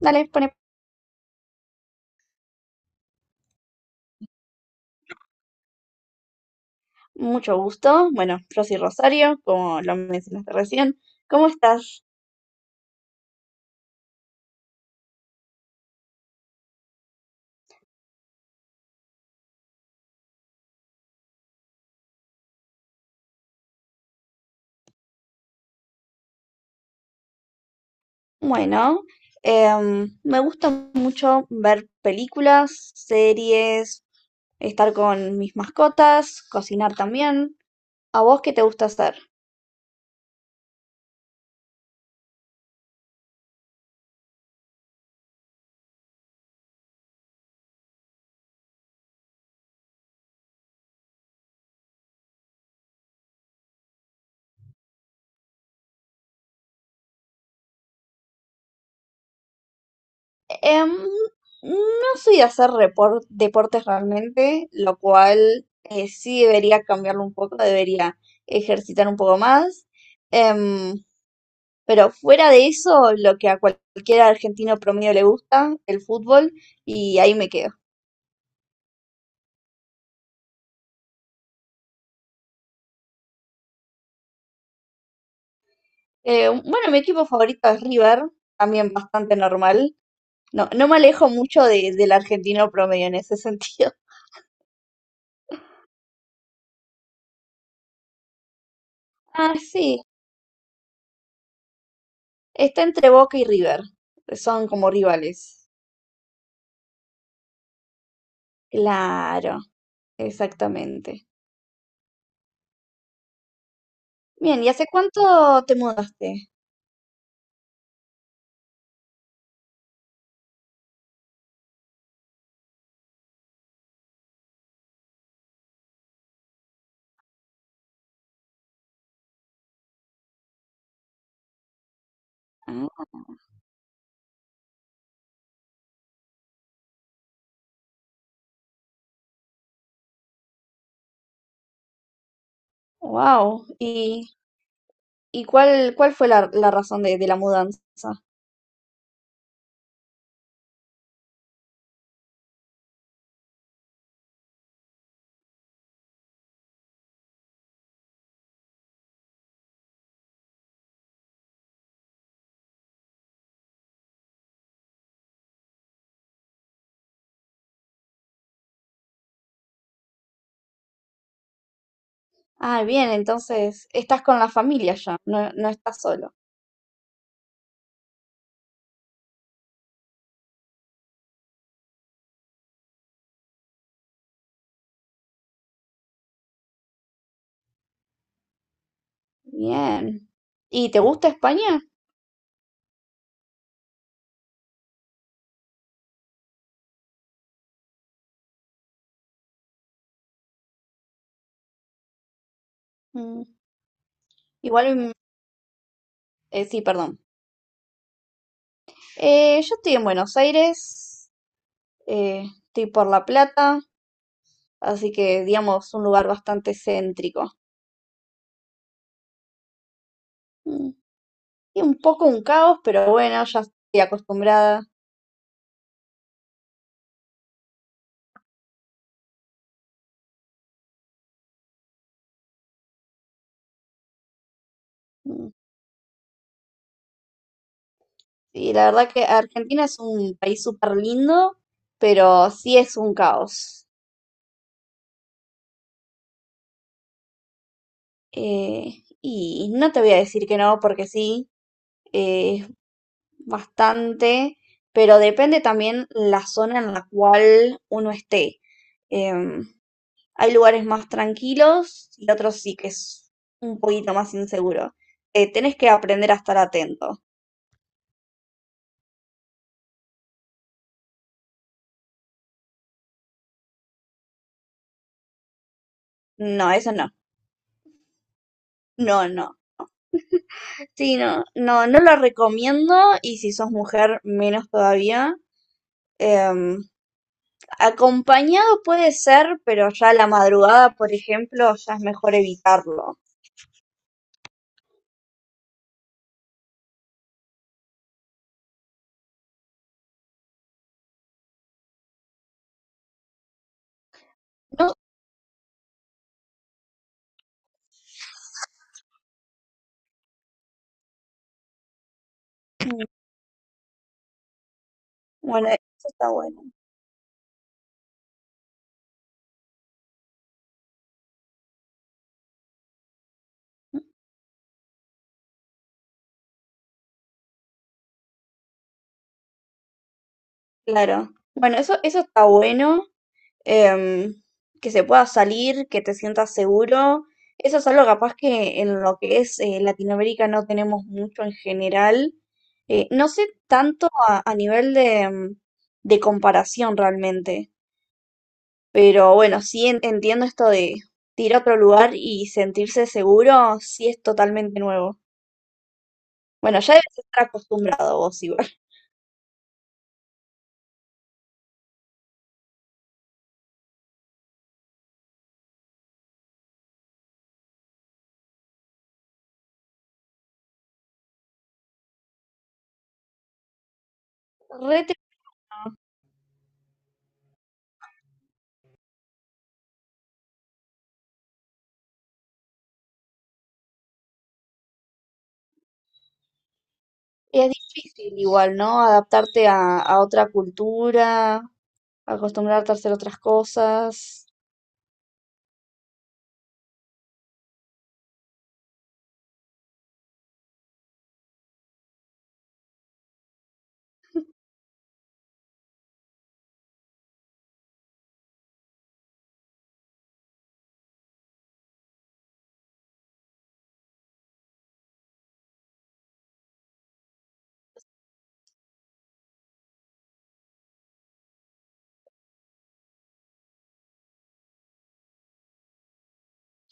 Dale, pone mucho gusto. Bueno, yo soy Rosario, como lo mencionaste recién. ¿Cómo estás? Bueno, me gusta mucho ver películas, series, estar con mis mascotas, cocinar también. ¿A vos qué te gusta hacer? Em, no soy de hacer deportes realmente, lo cual sí debería cambiarlo un poco, debería ejercitar un poco más. Em, Pero fuera de eso, lo que a cualquier argentino promedio le gusta, el fútbol, y ahí me quedo. Bueno, mi equipo favorito es River, también bastante normal. No, no me alejo mucho del argentino promedio en ese sentido. Ah, sí, está entre Boca y River. Son como rivales. Claro, exactamente. Bien, ¿y hace cuánto te mudaste? Ah, wow. ¿Y, ¿y, cuál fue la razón de la mudanza? Ah, bien, entonces estás con la familia ya, no, no estás solo. Bien. ¿Y te gusta España? Mm, igual, sí, perdón. Yo estoy en Buenos Aires, estoy por La Plata, así que digamos un lugar bastante céntrico. Mm, y un poco un caos, pero bueno, ya estoy acostumbrada. Mm, y la verdad que Argentina es un país súper lindo, pero sí es un caos. Y no te voy a decir que no, porque sí. Es bastante, pero depende también la zona en la cual uno esté. Em, hay lugares más tranquilos y otros sí que es un poquito más inseguro. Tenés que aprender a estar atento. No, eso no. No, no. Sí, no, no, no lo recomiendo y si sos mujer, menos todavía. Em, acompañado puede ser, pero ya a la madrugada, por ejemplo, ya es mejor evitarlo. No, bueno, eso está bueno. Claro. Bueno, eso está bueno, em, que se pueda salir, que te sientas seguro. Eso es algo capaz que en lo que es Latinoamérica no tenemos mucho en general. No sé tanto a nivel de, de comparación realmente, pero bueno, sí entiendo esto de ir a otro lugar y sentirse seguro, sí es totalmente nuevo. Bueno, ya debes estar acostumbrado vos igual. Re y es difícil igual, ¿no? Adaptarte a otra cultura, acostumbrarte a hacer otras cosas.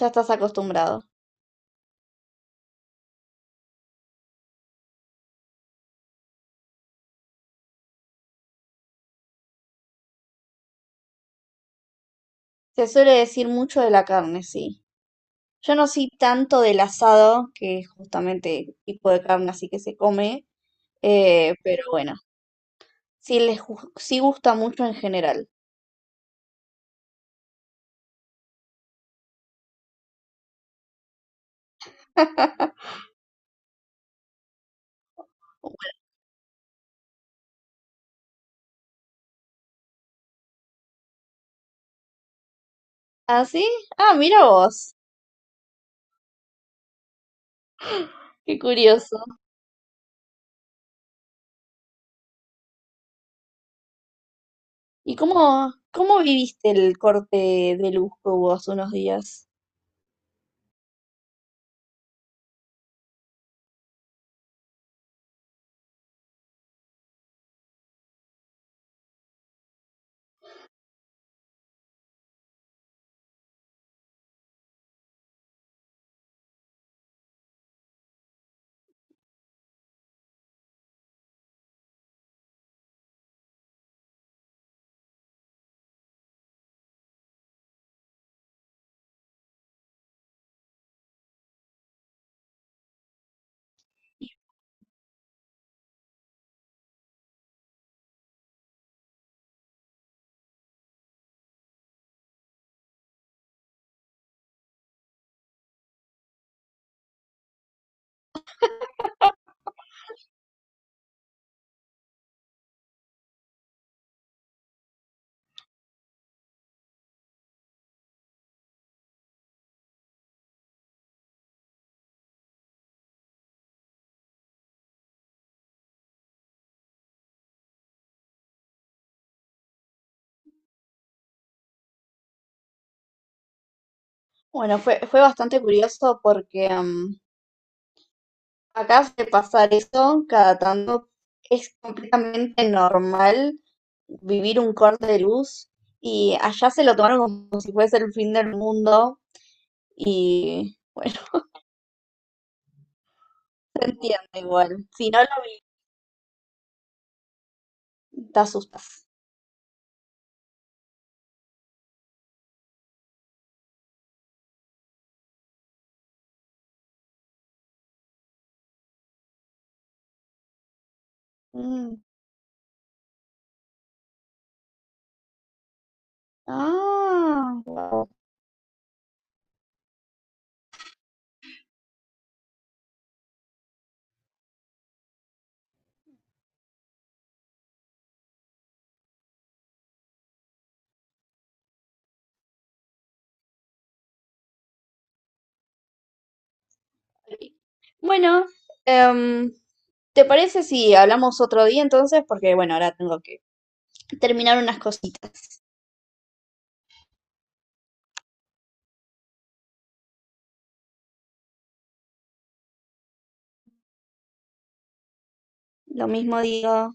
Ya estás acostumbrado. Se suele decir mucho de la carne, sí. Yo no soy tanto del asado, que es justamente el tipo de carne así que se come, pero bueno, sí sí gusta mucho en general. ¿Ah, sí? Ah, mira vos. Qué curioso. ¿Y cómo, cómo viviste el corte de luz que hubo hace unos días? Bueno, fue, fue bastante curioso porque acá de pasar eso cada tanto. Es completamente normal vivir un corte de luz y allá se lo tomaron como si fuese el fin del mundo y bueno, se entiende igual. Si no lo vi, te asustas. Mm, ah, guau. Bueno, em, ¿te parece si hablamos otro día entonces? Porque bueno, ahora tengo que terminar unas cositas. Lo mismo digo.